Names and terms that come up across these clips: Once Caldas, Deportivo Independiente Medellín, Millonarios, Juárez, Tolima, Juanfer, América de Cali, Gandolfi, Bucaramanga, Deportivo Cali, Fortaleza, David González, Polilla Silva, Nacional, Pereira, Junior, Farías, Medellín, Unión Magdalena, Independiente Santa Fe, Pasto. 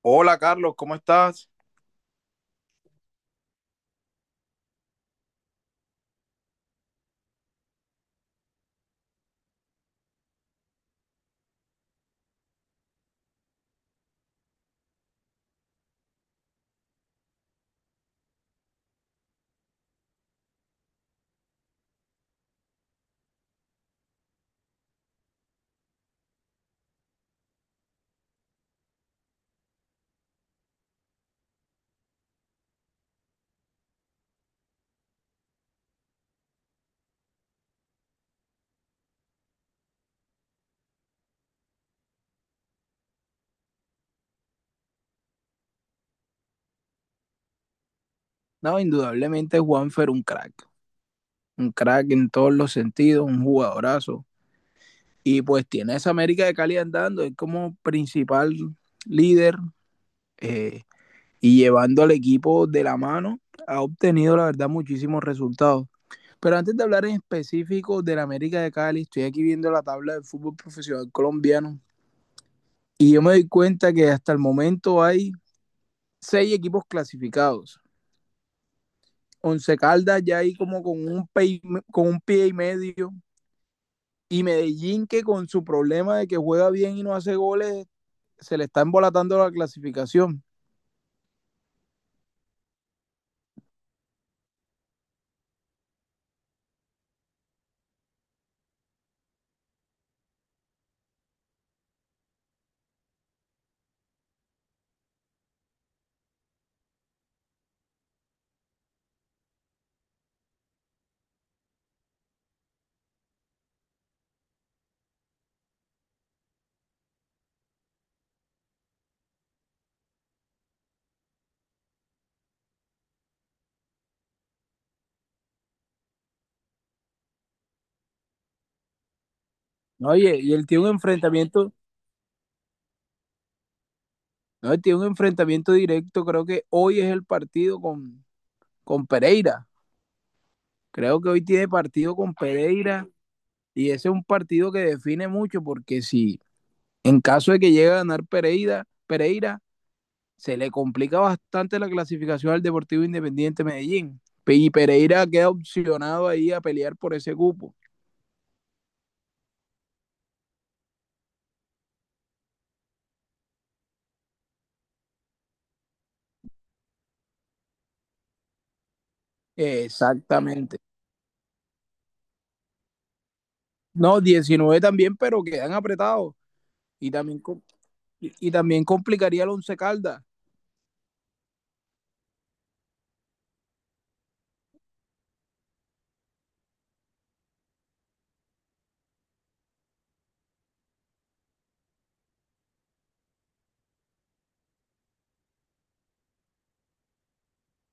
Hola Carlos, ¿cómo estás? No, indudablemente Juanfer un crack en todos los sentidos, un jugadorazo. Y pues tiene a esa América de Cali andando, es como principal líder eh, y llevando al equipo de la mano, ha obtenido la verdad muchísimos resultados. Pero antes de hablar en específico de la América de Cali, estoy aquí viendo la tabla del fútbol profesional colombiano y yo me doy cuenta que hasta el momento hay seis equipos clasificados. Once Caldas ya ahí como con pie, con un pie y medio. Y Medellín que con su problema de que juega bien y no hace goles, se le está embolatando la clasificación. Oye, y él tiene un enfrentamiento, no, él tiene un enfrentamiento directo, creo que hoy es el partido con Pereira. Creo que hoy tiene partido con Pereira y ese es un partido que define mucho porque si en caso de que llegue a ganar Pereira, Pereira se le complica bastante la clasificación al Deportivo Independiente Medellín. Y Pereira queda opcionado ahí a pelear por ese cupo. Exactamente. No, 19 también, pero quedan apretados. Y también, y también complicaría el Once Caldas.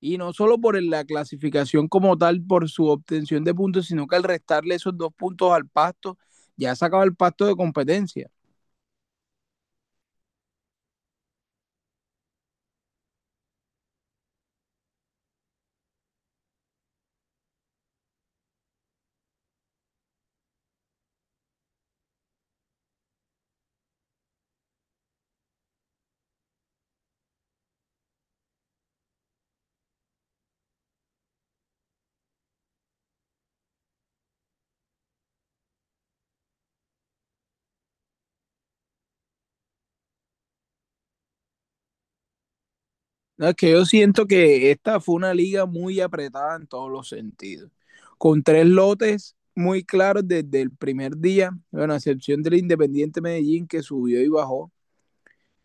Y no solo por la clasificación como tal, por su obtención de puntos, sino que al restarle esos dos puntos al Pasto, ya sacaba el Pasto de competencia. No, es que yo siento que esta fue una liga muy apretada en todos los sentidos, con tres lotes muy claros desde el primer día, bueno, a excepción del Independiente Medellín que subió y bajó,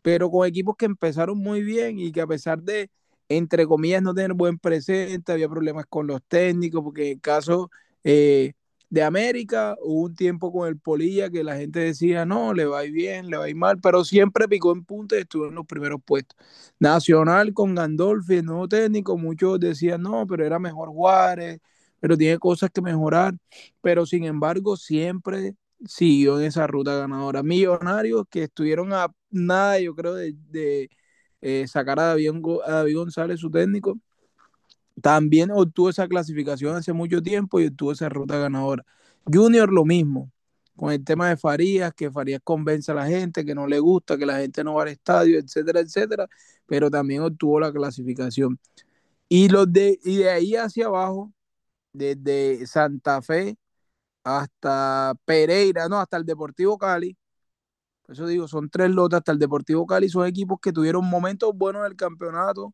pero con equipos que empezaron muy bien y que a pesar de, entre comillas, no tener buen presente, había problemas con los técnicos, porque en el caso eh, de América hubo un tiempo con el Polilla que la gente decía, no, le va a ir bien, le va a ir mal, pero siempre picó en punta y estuvo en los primeros puestos. Nacional con Gandolfi, el nuevo técnico, muchos decían, no, pero era mejor Juárez, pero tiene cosas que mejorar, pero sin embargo siempre siguió en esa ruta ganadora. Millonarios que estuvieron a nada, yo creo, de sacar a David González, su técnico, también obtuvo esa clasificación hace mucho tiempo y obtuvo esa ruta ganadora. Junior lo mismo, con el tema de Farías, que Farías convence a la gente, que no le gusta, que la gente no va al estadio, etcétera, etcétera, pero también obtuvo la clasificación. Y, los de, y de ahí hacia abajo, desde Santa Fe hasta Pereira, no, hasta el Deportivo Cali, por eso digo, son tres lotas hasta el Deportivo Cali, son equipos que tuvieron momentos buenos en el campeonato,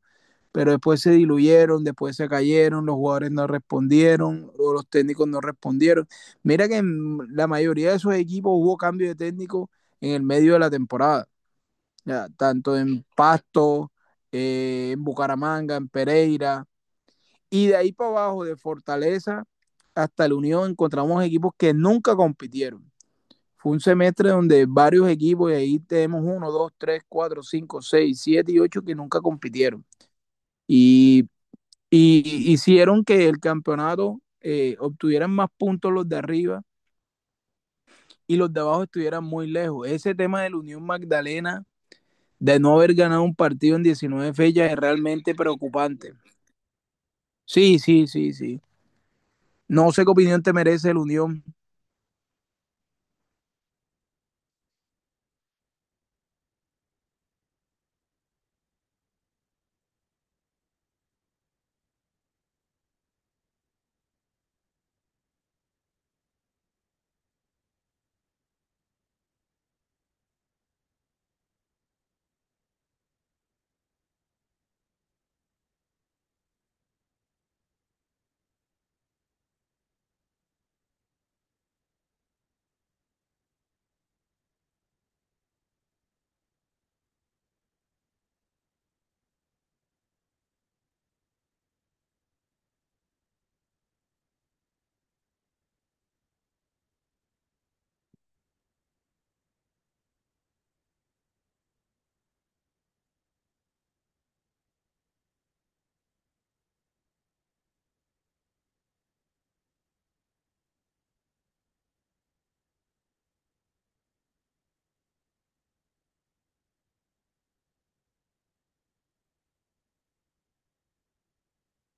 pero después se diluyeron, después se cayeron, los jugadores no respondieron, o los técnicos no respondieron. Mira que en la mayoría de esos equipos hubo cambio de técnico en el medio de la temporada, ya, tanto en Pasto, en Bucaramanga, en Pereira, y de ahí para abajo, de Fortaleza hasta la Unión, encontramos equipos que nunca compitieron. Fue un semestre donde varios equipos, y ahí tenemos uno, dos, tres, cuatro, cinco, seis, siete y ocho que nunca compitieron. Y, y hicieron que el campeonato obtuvieran más puntos los de arriba y los de abajo estuvieran muy lejos. Ese tema de la Unión Magdalena, de no haber ganado un partido en 19 fechas, es realmente preocupante. Sí, sí, sí, sí. No sé qué opinión te merece la Unión.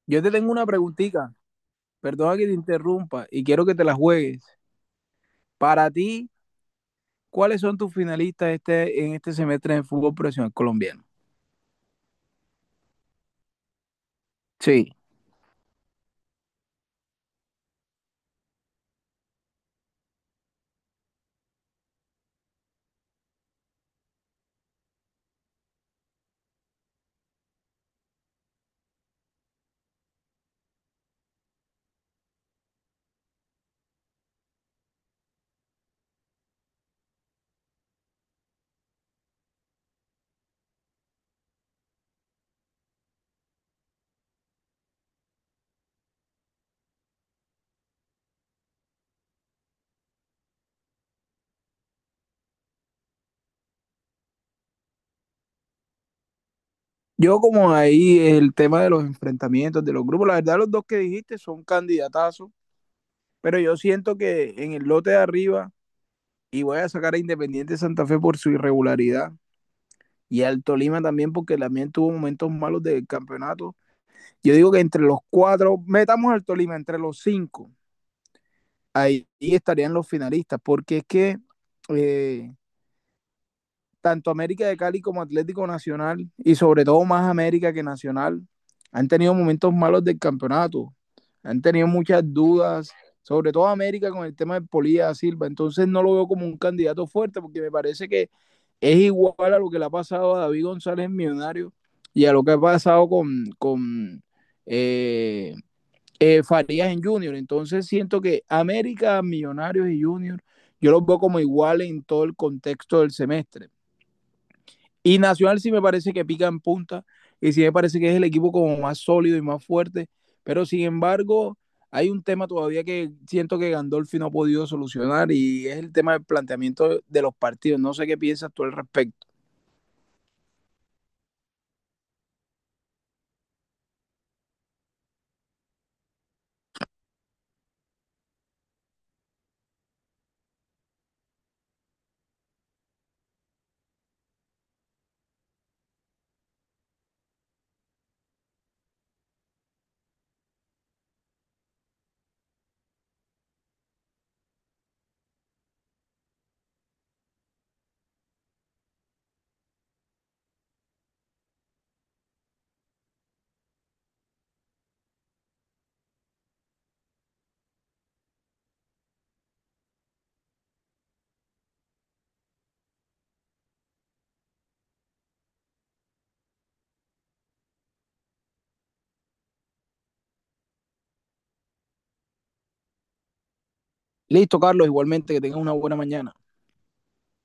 Yo te tengo una preguntita, perdona que te interrumpa, y quiero que te la juegues. Para ti, ¿cuáles son tus finalistas este, en este semestre en el fútbol profesional colombiano? Sí. Yo como ahí el tema de los enfrentamientos, de los grupos, la verdad los dos que dijiste son candidatazos, pero yo siento que en el lote de arriba, y voy a sacar a Independiente Santa Fe por su irregularidad, y al Tolima también porque también tuvo momentos malos del campeonato, yo digo que entre los cuatro, metamos al Tolima entre los cinco, ahí, estarían los finalistas, porque es que eh, tanto América de Cali como Atlético Nacional, y sobre todo más América que Nacional, han tenido momentos malos del campeonato, han tenido muchas dudas, sobre todo América con el tema de Polilla Silva, entonces no lo veo como un candidato fuerte porque me parece que es igual a lo que le ha pasado a David González en Millonarios y a lo que ha pasado con eh, Farías en Junior, entonces siento que América, Millonarios y Junior yo los veo como iguales en todo el contexto del semestre. Y Nacional sí me parece que pica en punta y sí me parece que es el equipo como más sólido y más fuerte, pero sin embargo hay un tema todavía que siento que Gandolfi no ha podido solucionar y es el tema del planteamiento de los partidos. No sé qué piensas tú al respecto. Listo, Carlos, igualmente que tengas una buena mañana.